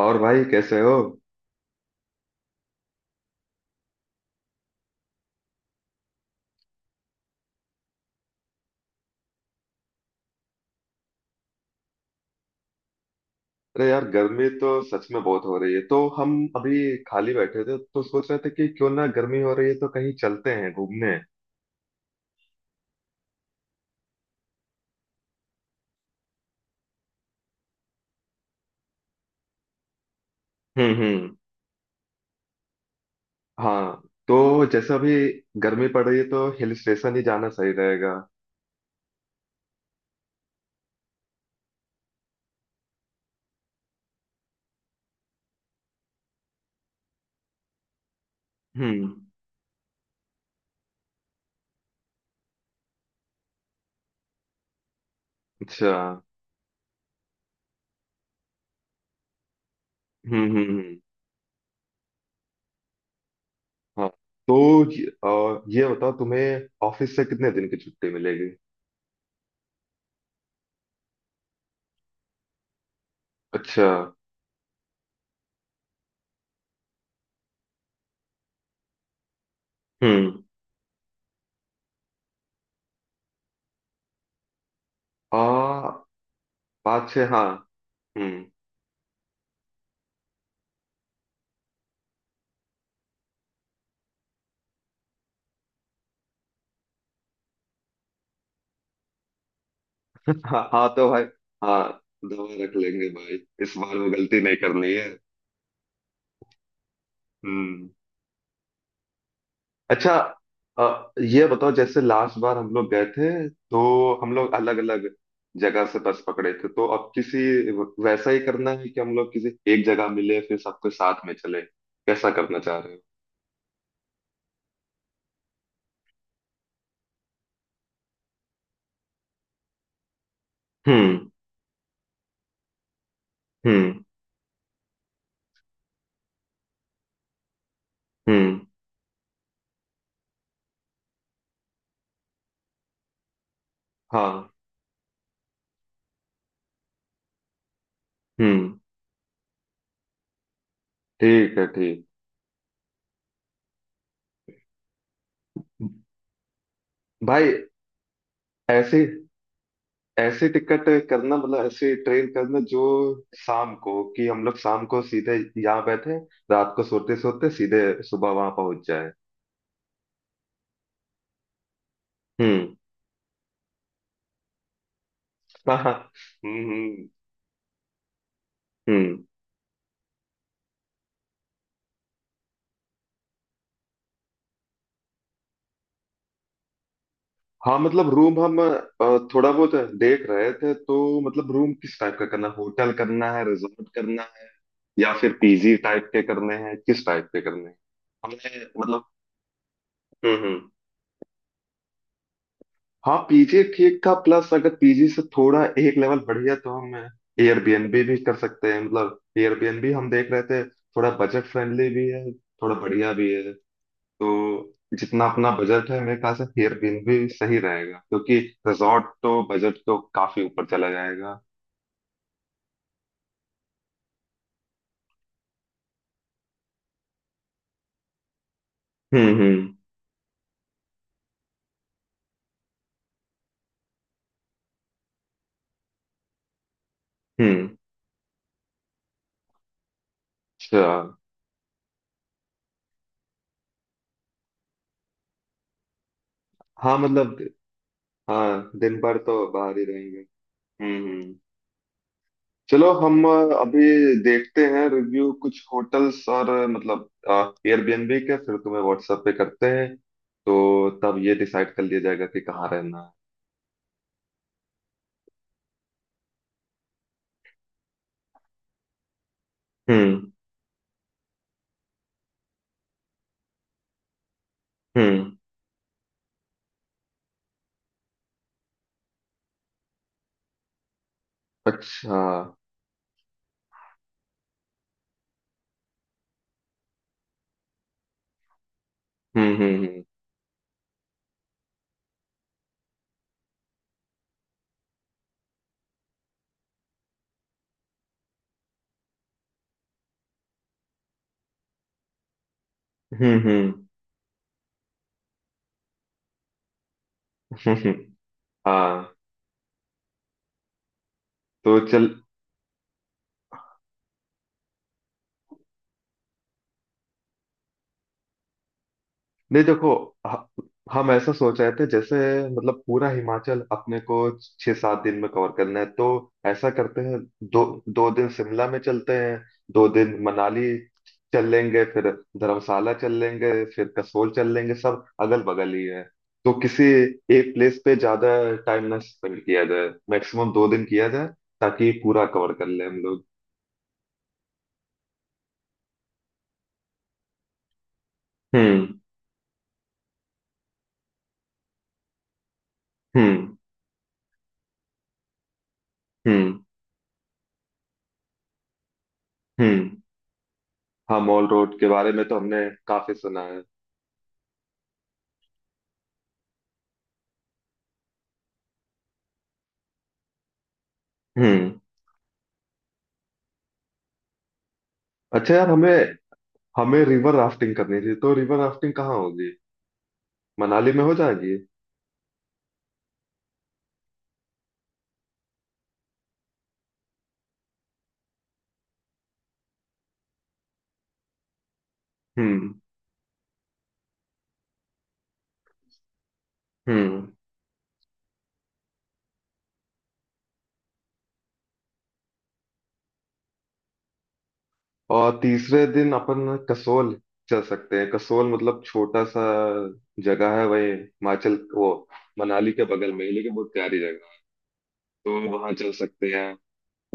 और भाई कैसे हो? अरे यार गर्मी तो सच में बहुत हो रही है तो हम अभी खाली बैठे थे तो सोच रहे थे कि क्यों ना गर्मी हो रही है तो कहीं चलते हैं घूमने। हम्म, हम्म। हाँ, तो जैसे अभी गर्मी पड़ रही है तो हिल स्टेशन ही जाना सही रहेगा। हम्म। अच्छा। हम्म, हम्म, हम्म। हाँ, तो ये ये बताओ तुम्हें ऑफिस से कितने दिन की छुट्टी मिलेगी? अच्छा। हम्म। आ। पाँच छः, हाँ। हम्म। हाँ हाँ, तो भाई। हाँ, दवा रख लेंगे भाई। इस बार वो गलती नहीं करनी है। हम्म। अच्छा। ये बताओ जैसे लास्ट बार हम लोग गए थे तो हम लोग अलग अलग जगह से बस पकड़े थे, तो अब किसी वैसा ही करना है कि हम लोग किसी एक जगह मिले फिर सबके साथ में चले, कैसा करना चाह रहे हो? हम्म, हम्म, हम्म। हाँ। हम्म। ठीक है, ठीक। भाई ऐसे, ऐसी टिकट करना, मतलब ऐसी ट्रेन करना जो शाम को, कि हम लोग शाम को सीधे यहाँ बैठे, रात को सोते सोते सीधे सुबह वहां पहुंच जाए। हम्म। हाँ हाँ। हम्म, हम्म, हम्म। हाँ, मतलब रूम हम थोड़ा बहुत देख रहे थे, तो मतलब रूम किस टाइप का करना, होटल करना है, रिजॉर्ट करना है, या फिर पीजी टाइप के करने हैं, किस टाइप के करने हैं? हमने मतलब। हम्म। हाँ, पीजी ठीक था, प्लस अगर पीजी से थोड़ा एक लेवल बढ़िया तो हम एयरबीएनबी भी कर सकते हैं, मतलब एयरबीएनबी हम देख रहे थे, थोड़ा बजट फ्रेंडली भी है, थोड़ा बढ़िया भी है। तो जितना अपना बजट है मेरे ख्याल से एयरबीएनबी सही रहेगा, क्योंकि रिजॉर्ट तो बजट तो काफी ऊपर चला जाएगा। हम्म, हम्म, हम्म। अच्छा। हाँ मतलब। हाँ, दिन भर तो बाहर ही रहेंगे। हम्म, हम्म। चलो, हम अभी देखते हैं रिव्यू कुछ होटल्स और मतलब एयरबीएनबी के, फिर तुम्हें व्हाट्सएप पे करते हैं, तो तब ये डिसाइड कर लिया जाएगा कि कहाँ रहना है। हम्म, हम्म। अच्छा। हम्म, हम्म, हम्म, हम्म, हम्म। हाँ, तो चल। नहीं, देखो ह- हम ऐसा सोच रहे थे, जैसे मतलब पूरा हिमाचल अपने को 6 7 दिन में कवर करना है, तो ऐसा करते हैं, 2 2 दिन शिमला में चलते हैं, 2 दिन मनाली चल लेंगे, फिर धर्मशाला चल लेंगे, फिर कसोल चल लेंगे, सब अगल बगल ही है। तो किसी एक प्लेस पे ज्यादा टाइम ना स्पेंड किया जाए, मैक्सिमम 2 दिन किया जाए, ताकि पूरा कवर कर ले हम लोग। हम्म, हम्म, हम्म, हम्म। हाँ, मॉल रोड के बारे में तो हमने काफी सुना है। हम्म। अच्छा यार, हमें। हमें रिवर राफ्टिंग करनी थी, तो रिवर राफ्टिंग कहाँ होगी? मनाली में हो जाएगी? हम्म, हम्म। और तीसरे दिन अपन कसोल चल सकते हैं, कसोल मतलब छोटा सा जगह है, वही हिमाचल, वो मनाली के बगल में ही लेकिन बहुत प्यारी जगह है, तो वहां चल सकते हैं।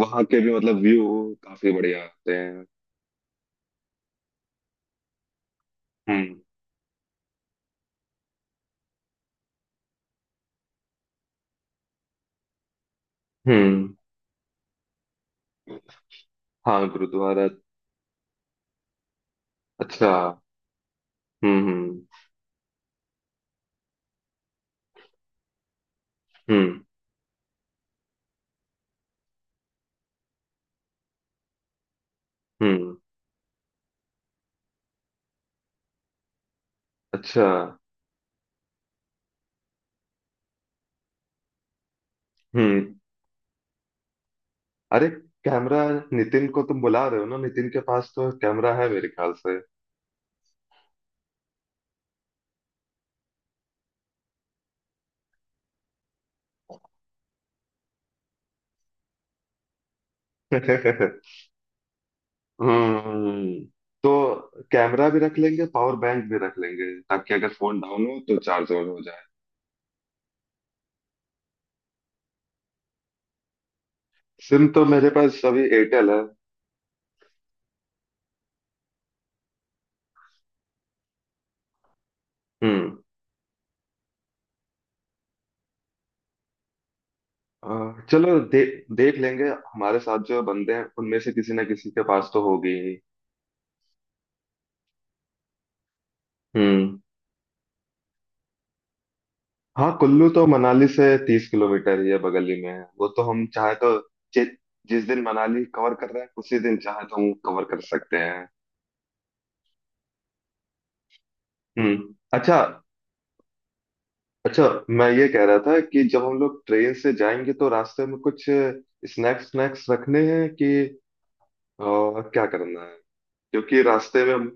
वहां के भी मतलब व्यू काफी बढ़िया आते हैं। हम्म, हम्म। हाँ, गुरुद्वारा। अच्छा। हम्म, हम्म, हम्म, हम्म। अच्छा। हम्म। अरे कैमरा, नितिन को तुम बुला रहे हो ना, नितिन के पास तो कैमरा है मेरे ख्याल से। हम्म। तो कैमरा भी रख लेंगे, पावर बैंक भी रख लेंगे, ताकि अगर फोन डाउन हो तो चार्ज और हो जाए। सिम तो मेरे पास अभी एयरटेल है। हम्म। चलो देख लेंगे। हमारे साथ जो बंदे हैं उनमें से किसी ना किसी के पास तो होगी ही। हम्म। हाँ, कुल्लू तो मनाली से 30 किलोमीटर ही है, बगल ही में है वो, तो हम चाहे तो जि, जिस दिन मनाली कवर कर रहे हैं उसी दिन चाहे तो हम कवर कर सकते हैं। हम्म। अच्छा। अच्छा, मैं ये कह रहा था कि जब हम लोग ट्रेन से जाएंगे तो रास्ते में कुछ स्नैक्स स्नैक्स रखने हैं, कि अ, क्या करना है, क्योंकि रास्ते में हम-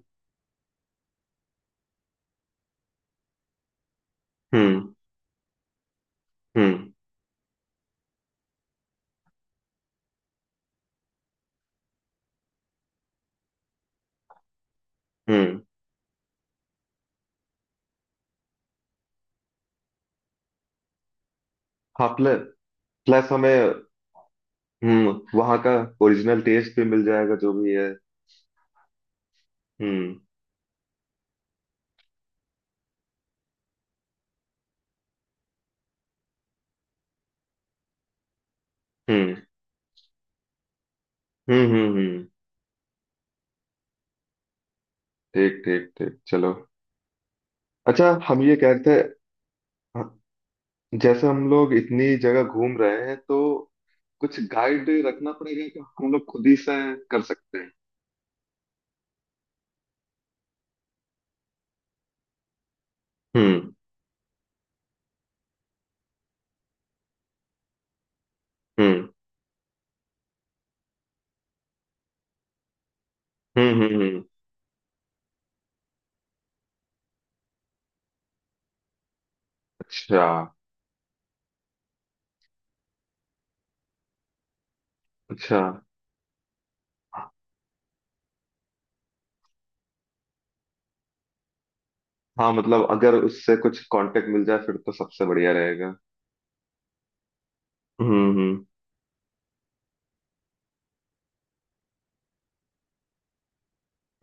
हम्म, हम्म, हम्म। हाँ, प्लस। प्लस हमें। हम्म। वहाँ का ओरिजिनल टेस्ट भी मिल जाएगा, जो भी है। हम्म, हम्म, हम्म, हम्म, हम्म। ठीक ठीक ठीक, चलो। अच्छा, हम ये कहते हैं, जैसे हम लोग इतनी जगह घूम रहे हैं तो कुछ गाइड रखना पड़ेगा, कि हम लोग खुद ही से कर सकते हैं? हम्म, हम्म, हम्म, हम्म, अच्छा। अच्छा। हाँ, मतलब अगर उससे कुछ कांटेक्ट मिल जाए फिर तो सबसे बढ़िया रहेगा। हम्म, हम्म,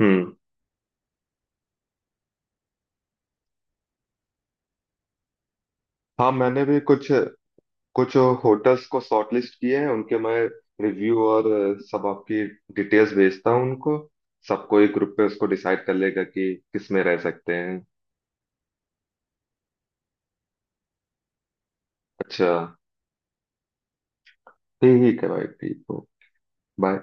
हम्म। हाँ, मैंने भी कुछ कुछ होटल्स को शॉर्टलिस्ट किए हैं, उनके मैं रिव्यू और सब आपकी डिटेल्स भेजता हूँ उनको, सबको एक ग्रुप पे, उसको डिसाइड कर लेगा कि किस में रह सकते हैं। अच्छा। ठीक है भाई, ठीक हो, बाय।